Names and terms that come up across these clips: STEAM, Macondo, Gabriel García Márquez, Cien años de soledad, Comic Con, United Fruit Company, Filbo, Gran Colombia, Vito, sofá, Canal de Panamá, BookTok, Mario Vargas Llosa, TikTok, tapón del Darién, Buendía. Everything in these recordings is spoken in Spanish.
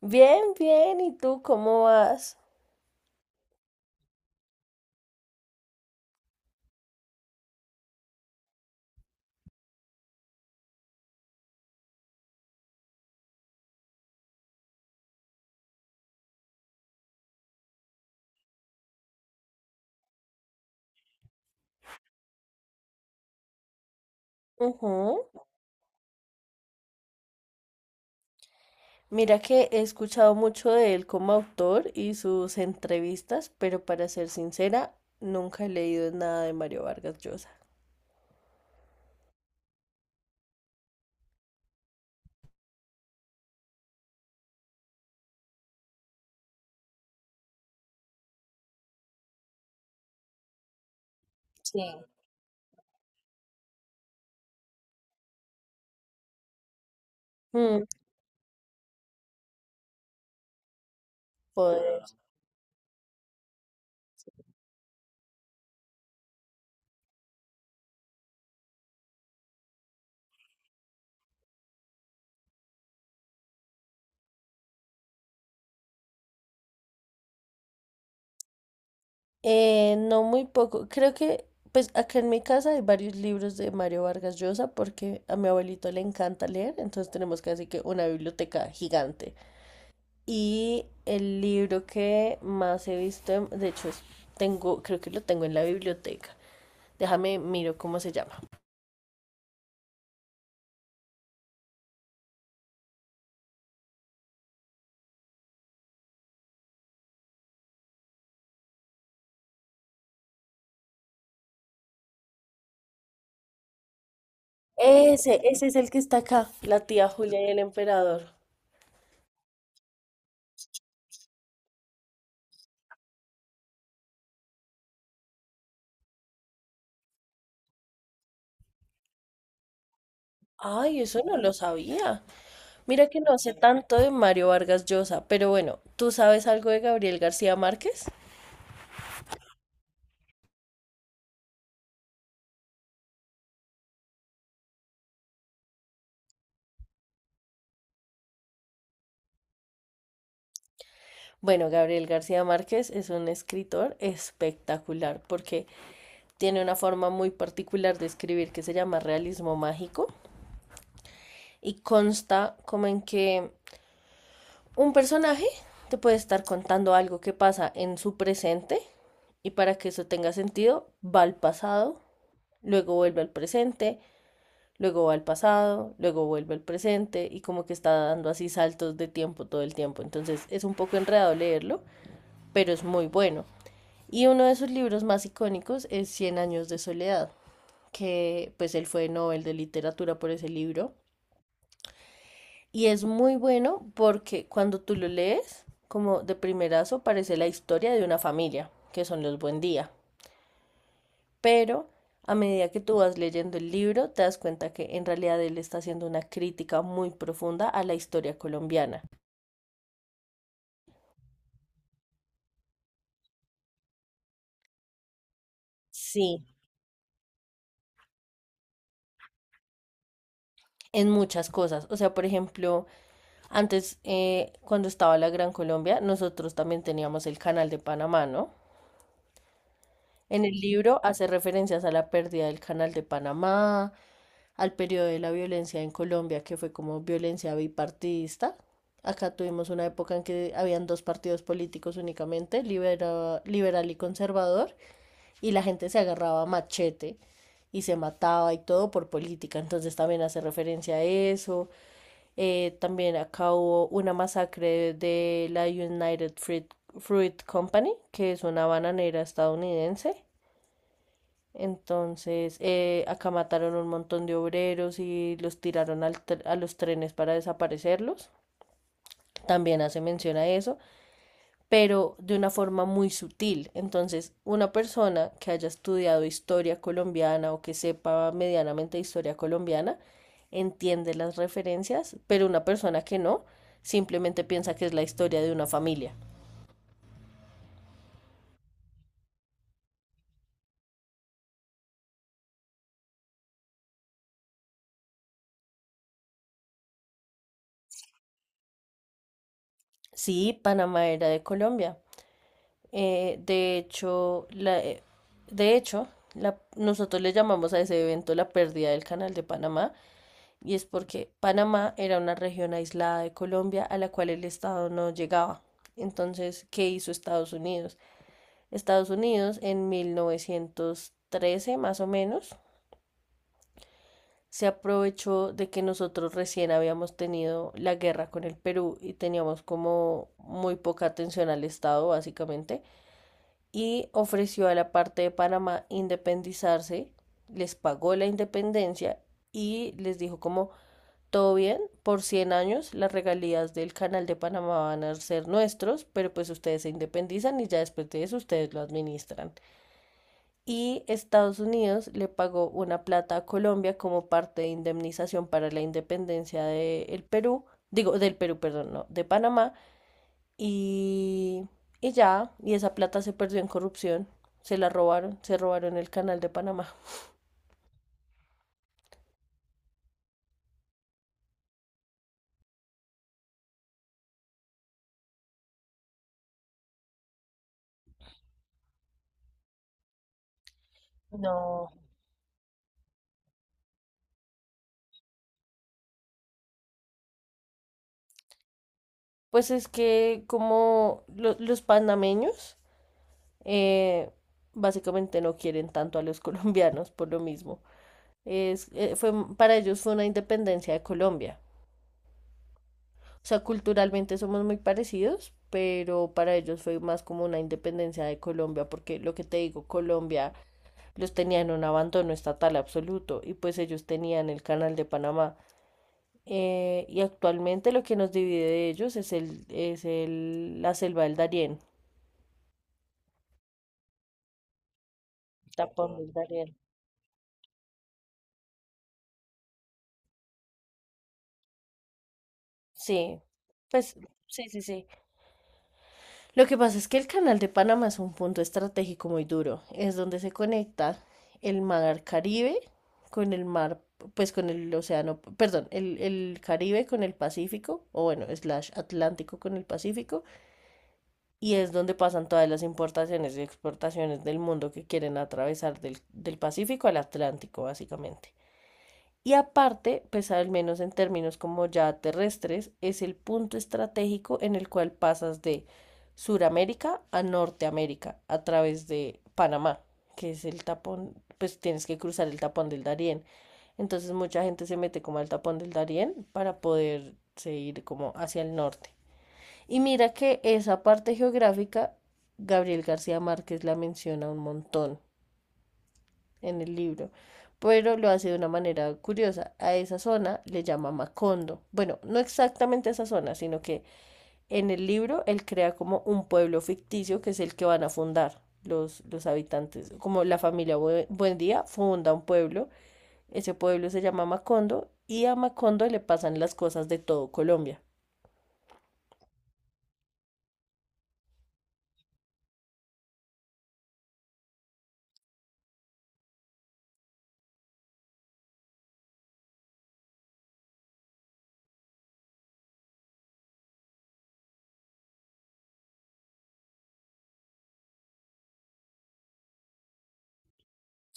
Bien, bien. ¿Y tú cómo vas? Ujú. Mira que he escuchado mucho de él como autor y sus entrevistas, pero para ser sincera, nunca he leído nada de Mario Vargas Llosa. Sí. Mm, joder. No muy poco. Pues acá en mi casa hay varios libros de Mario Vargas Llosa porque a mi abuelito le encanta leer, entonces tenemos casi que una biblioteca gigante. Y el libro que más he visto, de hecho, tengo, creo que lo tengo en la biblioteca. Déjame, miro cómo se llama. Ese es el que está acá, la tía Julia y el emperador. Ay, eso no lo sabía. Mira que no sé tanto de Mario Vargas Llosa, pero bueno, ¿tú sabes algo de Gabriel García Márquez? Bueno, Gabriel García Márquez es un escritor espectacular porque tiene una forma muy particular de escribir que se llama realismo mágico y consta como en que un personaje te puede estar contando algo que pasa en su presente y para que eso tenga sentido va al pasado, luego vuelve al presente, luego va al pasado, luego vuelve al presente y como que está dando así saltos de tiempo todo el tiempo. Entonces es un poco enredado leerlo, pero es muy bueno. Y uno de sus libros más icónicos es Cien años de soledad, que pues él fue Nobel de literatura por ese libro. Y es muy bueno porque cuando tú lo lees, como de primerazo, parece la historia de una familia, que son los Buen Día. Pero a medida que tú vas leyendo el libro, te das cuenta que en realidad él está haciendo una crítica muy profunda a la historia colombiana. Sí, en muchas cosas. O sea, por ejemplo, antes, cuando estaba la Gran Colombia, nosotros también teníamos el Canal de Panamá, ¿no? En el libro hace referencias a la pérdida del Canal de Panamá, al periodo de la violencia en Colombia, que fue como violencia bipartidista. Acá tuvimos una época en que habían dos partidos políticos únicamente, liberal y conservador, y la gente se agarraba a machete y se mataba y todo por política. Entonces también hace referencia a eso. También acá hubo una masacre de la United Fruit, Fruit Company, que es una bananera estadounidense. Entonces, acá mataron un montón de obreros y los tiraron al a los trenes para desaparecerlos. También hace mención a eso, pero de una forma muy sutil. Entonces, una persona que haya estudiado historia colombiana o que sepa medianamente historia colombiana entiende las referencias, pero una persona que no simplemente piensa que es la historia de una familia. Sí, Panamá era de Colombia. Eh, de hecho, la, eh, de hecho, Nosotros le llamamos a ese evento la pérdida del Canal de Panamá y es porque Panamá era una región aislada de Colombia a la cual el Estado no llegaba. Entonces, ¿qué hizo Estados Unidos? Estados Unidos en 1913, más o menos, se aprovechó de que nosotros recién habíamos tenido la guerra con el Perú y teníamos como muy poca atención al Estado, básicamente. Y ofreció a la parte de Panamá independizarse, les pagó la independencia y les dijo como todo bien, por 100 años las regalías del canal de Panamá van a ser nuestros, pero pues ustedes se independizan y ya después de eso ustedes lo administran. Y Estados Unidos le pagó una plata a Colombia como parte de indemnización para la independencia del Perú, digo, del Perú, perdón, no, de Panamá, y, y esa plata se perdió en corrupción. Se la robaron, se robaron el canal de Panamá. No. Pues es que como los panameños eh, básicamente no quieren tanto a los colombianos por lo mismo. Para ellos fue una independencia de Colombia. O sea, culturalmente somos muy parecidos, pero para ellos fue más como una independencia de Colombia, porque lo que te digo, Colombia los tenía en un abandono estatal absoluto y pues ellos tenían el canal de Panamá. Y actualmente lo que nos divide de ellos es la selva del Darién, tapón del Darién. Sí, pues sí. Lo que pasa es que el canal de Panamá es un punto estratégico muy duro. Es donde se conecta el mar Caribe con el mar, pues con el océano, perdón, el Caribe con el Pacífico, o bueno, slash Atlántico con el Pacífico y es donde pasan todas las importaciones y exportaciones del mundo que quieren atravesar del Pacífico al Atlántico, básicamente. Y aparte, pues al menos en términos como ya terrestres, es el punto estratégico en el cual pasas de Suramérica a Norteamérica a través de Panamá, que es el tapón, pues tienes que cruzar el tapón del Darién. Entonces mucha gente se mete como al tapón del Darién para poderse ir como hacia el norte. Y mira que esa parte geográfica, Gabriel García Márquez la menciona un montón en el libro, pero lo hace de una manera curiosa. A esa zona le llama Macondo. Bueno, no exactamente esa zona, sino que en el libro él crea como un pueblo ficticio que es el que van a fundar los habitantes. Como la familia Buendía funda un pueblo, ese pueblo se llama Macondo y a Macondo le pasan las cosas de todo Colombia.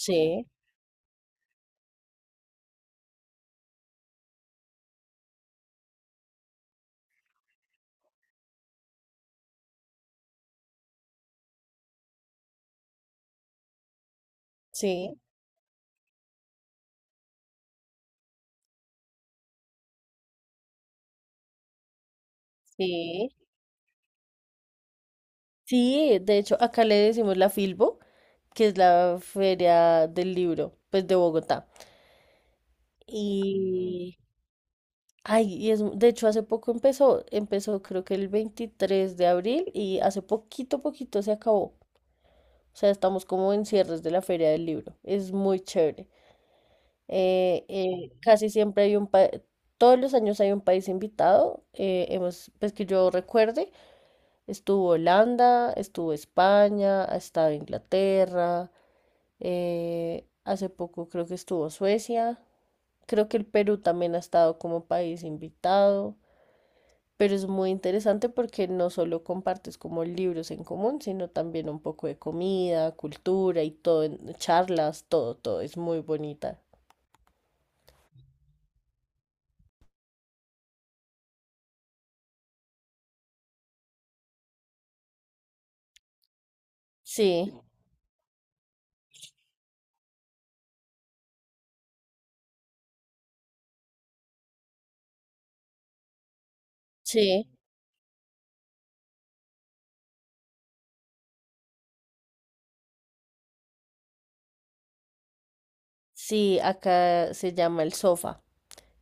Sí, sí, sí. Sí, de hecho, acá le decimos la Filbo, que es la Feria del Libro, pues de Bogotá. Y, ay, y es, de hecho, hace poco empezó creo que el 23 de abril y hace poquito se acabó. O sea, estamos como en cierres de la Feria del Libro. Es muy chévere. Casi siempre hay un país, todos los años hay un país invitado. Hemos, pues que yo recuerde, estuvo Holanda, estuvo España, ha estado Inglaterra. Hace poco creo que estuvo Suecia. Creo que el Perú también ha estado como país invitado. Pero es muy interesante porque no solo compartes como libros en común, sino también un poco de comida, cultura y todo, charlas, todo, todo. Es muy bonita. Sí, sí, sí, acá se llama el sofá,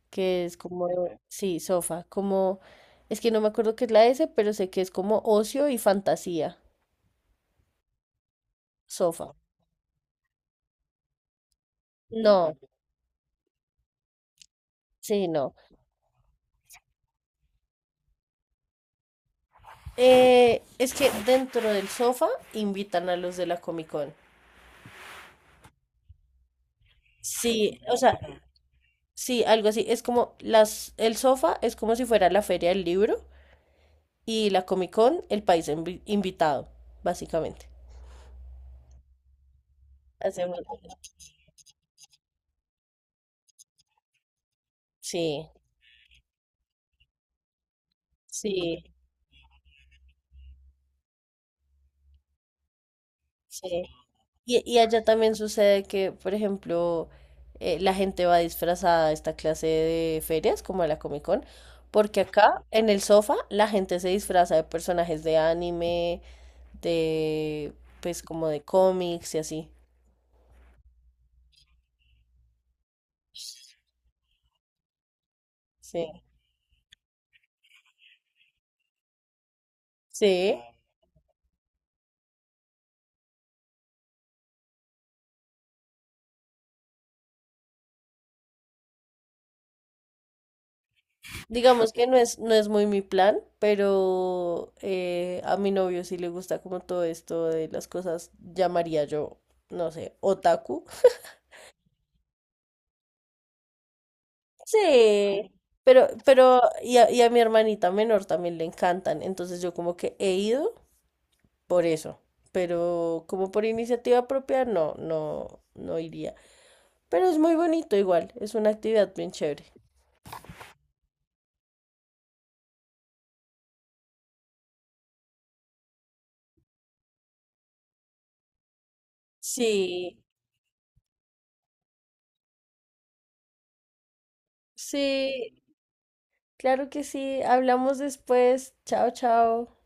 que es como, Ok. Sí, sofá, como, es que no me acuerdo qué es la S, pero sé que es como ocio y fantasía, sofá. No, sí, no. Es que dentro del sofá invitan a los de la Comic Con. Sí, o sea, sí, algo así. Es como el sofá es como si fuera la feria del libro y la Comic Con el país invitado, básicamente. Hacemos, sí, sí, sí. Y allá también sucede que, por ejemplo, la gente va disfrazada a esta clase de ferias, como a la Comic Con, porque acá en el sofá la gente se disfraza de personajes de anime, de, pues como de cómics y así. Sí. Sí, digamos que no es, no es muy mi plan, pero a mi novio sí le gusta como todo esto de las cosas, llamaría yo, no sé, otaku. Sí, pero, y a mi hermanita menor también le encantan, entonces yo como que he ido por eso, pero como por iniciativa propia no, no, no iría. Pero es muy bonito igual, es una actividad bien chévere. Sí, sí, claro que sí. Hablamos después. Chao, chao.